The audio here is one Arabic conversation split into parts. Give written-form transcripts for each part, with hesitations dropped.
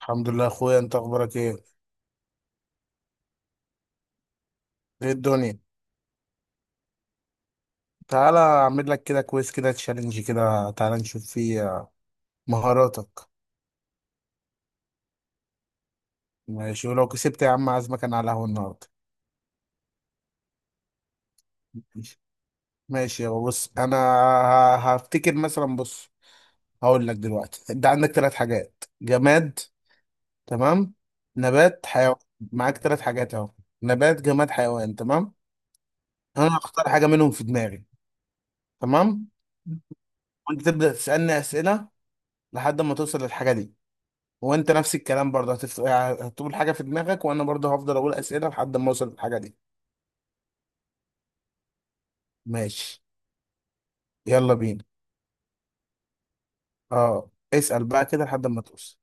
الحمد لله يا اخويا، انت اخبارك ايه؟ ايه الدنيا؟ تعالى اعمل لك كده كويس، كده تشالنج كده، تعالى نشوف فيه مهاراتك. ماشي، ولو كسبت يا عم عازمك انا على القهوه النهارده. ماشي. ماشي، يابا بص انا هفتكر مثلا. بص هقول لك دلوقتي، انت عندك ثلاث حاجات: جماد، تمام، نبات، حيوان. معاك ثلاث حاجات اهو: نبات، جماد، حيوان، تمام. انا هختار حاجه منهم في دماغي، تمام، وانت تبدا تسالني اسئله لحد ما توصل للحاجه دي. وانت نفس الكلام برضه، هتقول حاجه في دماغك وانا برضه هفضل اقول اسئله لحد ما اوصل للحاجه دي. ماشي، يلا بينا. اه، اسال بقى كده لحد ما توصل.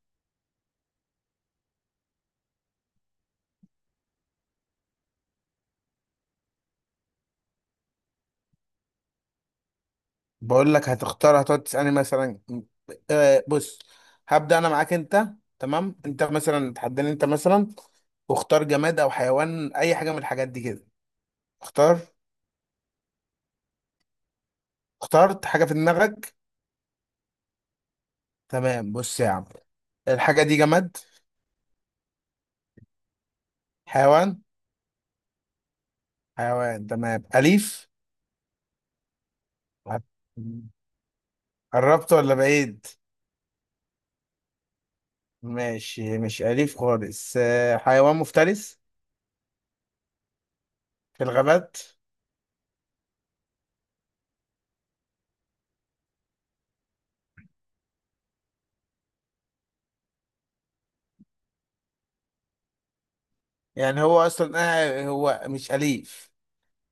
بقول لك هتختار، هتقعد تسالني مثلا. بص، هبدا انا معاك انت. تمام، انت مثلا تحداني، انت مثلا واختار جماد او حيوان، اي حاجه من الحاجات دي كده. اختار. اخترت حاجه في دماغك؟ تمام. بص يا عم، الحاجه دي جماد؟ حيوان؟ حيوان، تمام، اليف؟ قربت ولا بعيد؟ ماشي، مش أليف خالص، حيوان مفترس في الغابات؟ يعني هو أصلا هو مش أليف،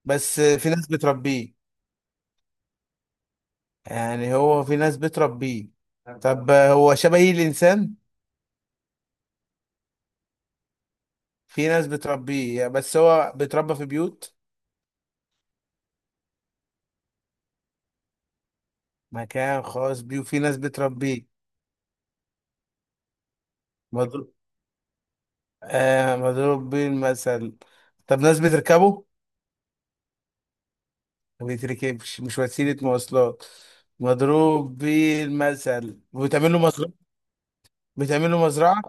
بس في ناس بتربيه. يعني هو في ناس بتربيه. طب هو شبه الإنسان؟ في ناس بتربيه بس هو بيتربى في بيوت. مكان خاص بيه وفي ناس بتربيه. مضروب، آه مضروب بيه المثل. طب ناس بتركبه؟ ما بيتركبش، مش وسيلة مواصلات. مضروب بيه المثل وبتعمل له مصروف، بتعملوا مزرعة.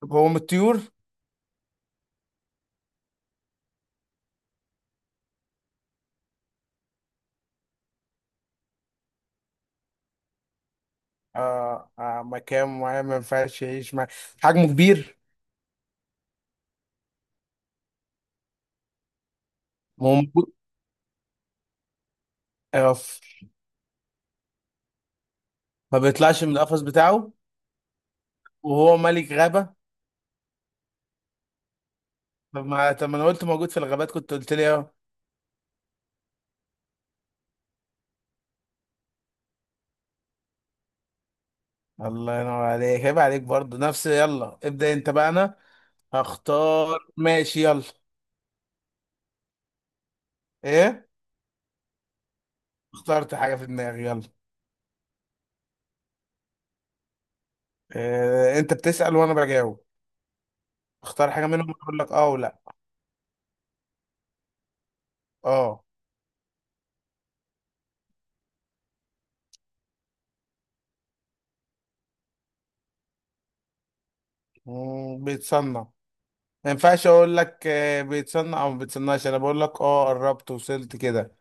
طب هو من الطيور؟ آه آه، مكان معين ما ينفعش يعيش مع. حجمه كبير؟ ما هو موجود. آه ما بيطلعش من القفص بتاعه. وهو ملك غابة. طب ما طب ما انا قلت موجود في الغابات كنت قلت لي اه. الله ينور عليك، عيب عليك برضه، نفس. يلا ابدأ انت بقى، انا هختار. ماشي، يلا. ايه؟ اخترت حاجة في دماغي، يلا. إيه انت بتسأل وانا بجاوب؟ اختار حاجة منهم اقول لك اه ولا. اه. بيتصنع. ما ينفعش اقول لك بيتصنع او ما بيتصنعش، انا بقول لك اه قربت وصلت كده.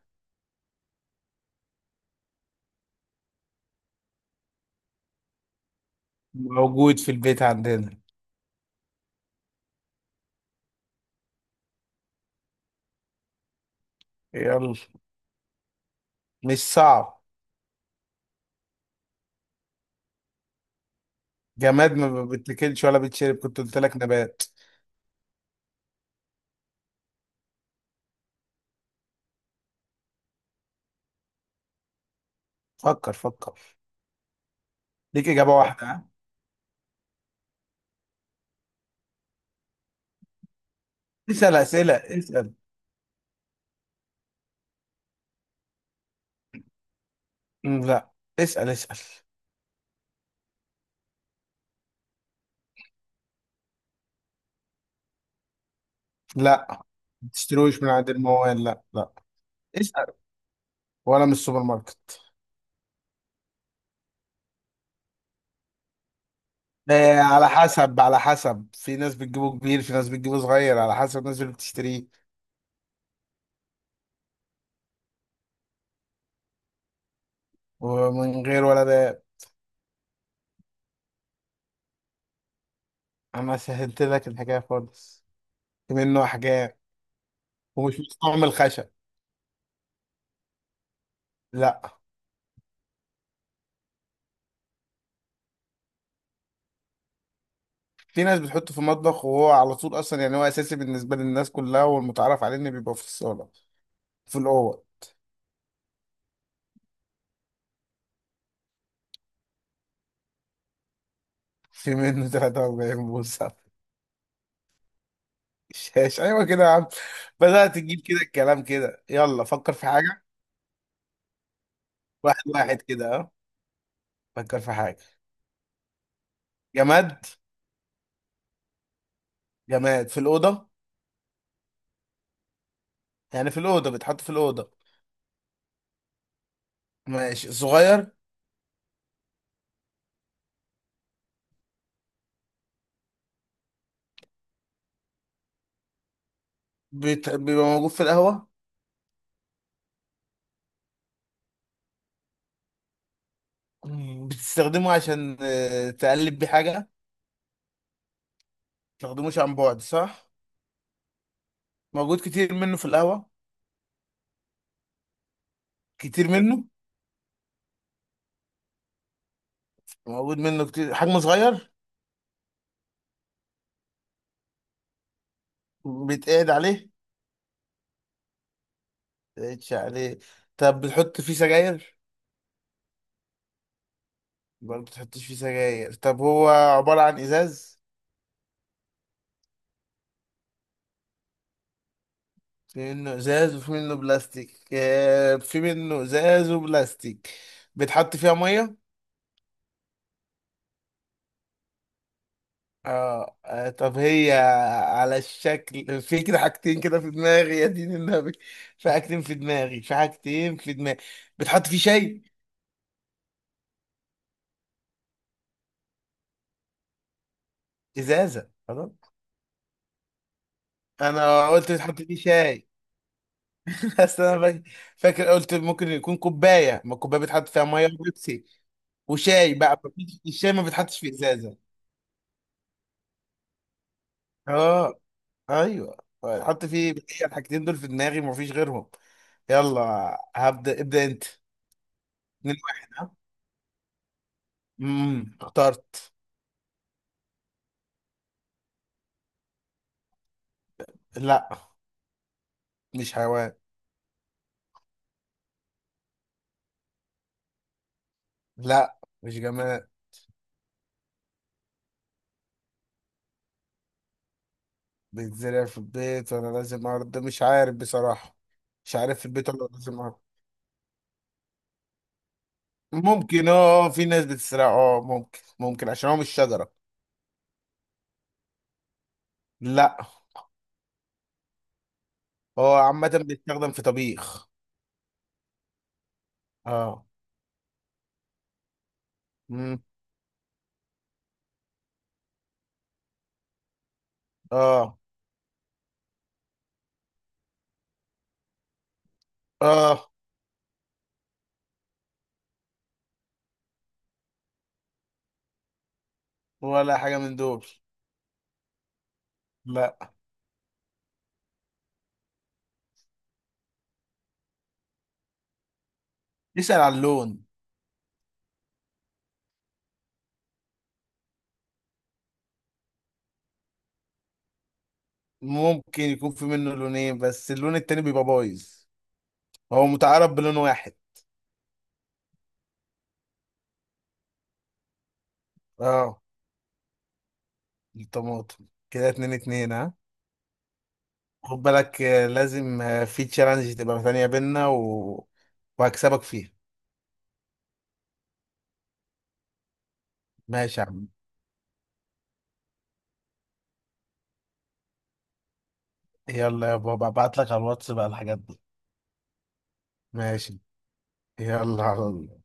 موجود في البيت عندنا. يلا. مش صعب. جماد، ما بتاكلش ولا بتشرب، كنت قلت لك نبات. فكر فكر، ليك اجابه واحده، ها؟ اسال اسئله، اسال. لا. اسال اسال. لا، ما تشتروش من عند الموال، لا لا. اسال. ولا من السوبر ماركت. آه على حسب، على حسب، في ناس بتجيبه كبير في ناس بتجيبه صغير، على حسب الناس اللي بتشتريه. ومن غير ولا ده. انا سهلت لك الحكايه خالص، في منه احجام. ومش مستعمل خشب؟ لا. في ناس بتحطه في المطبخ وهو على طول اصلا، يعني هو اساسي بالنسبه للناس كلها، والمتعارف عليه انه بيبقى في الصاله في الاوض. في منه 43 بوصه؟ شاش، ايوه كده يا عم، بدات تجيب كده الكلام كده. يلا فكر في حاجه. واحد واحد كده اه. فكر في حاجه. جماد. جماد في الاوضه، يعني في الاوضه بيتحط في الاوضه. ماشي، صغير. بيبقى موجود في القهوه. بتستخدمه عشان تقلب بيه حاجة ما. بتستخدموش عن بعد، صح؟ موجود كتير منه في القهوة، كتير منه، موجود منه كتير، حجمه صغير. بيتقعد عليه؟ بيتقعدش عليه. طب بتحط فيه سجاير؟ برضه بتحطش فيه سجاير. طب هو عبارة عن إزاز؟ في منه إزاز وفي منه بلاستيك. في منه إزاز وبلاستيك. بتحط فيها مية؟ اه. طب هي على الشكل، في كده حاجتين كده في دماغي يا دين النبي. في حاجتين في دماغي، في حاجتين في دماغي. بتحط فيه شاي؟ ازازه، خلاص. انا قلت بتحط فيه شاي. بس انا فاكر قلت ممكن يكون كوبايه، ما الكوبايه بتحط فيها ميه وبيبسي وشاي بقى، الشاي ما بيتحطش في ازازه. اه. ايوه. بتحط فيه، هي الحاجتين دول في دماغي ومفيش غيرهم. يلا هبدا، ابدا انت. اتنين واحد ها. اخترت. لا، مش حيوان. لا، مش جماد. بيتزرع في البيت ولا لازم ارض، مش عارف بصراحة. مش عارف في البيت ولا لازم ارض. ممكن اه، في ناس بتزرع، اه ممكن، ممكن، عشان هو مش شجرة. لا. هو عامة بيستخدم في طبيخ. اه. مم. اه. اه. ولا حاجة من دول. لا. اسأل على اللون. ممكن يكون في منه لونين بس اللون التاني بيبقى بايظ، هو متعارف بلون واحد. اه، الطماطم كده، اتنين اتنين ها. خد بالك لازم في تشالنج تبقى ثانية بينا وهكسبك فيها. ماشي يا عم. يلا يا بابا، ابعت لك على الواتس بقى الحاجات دي. ماشي، يلا على الله.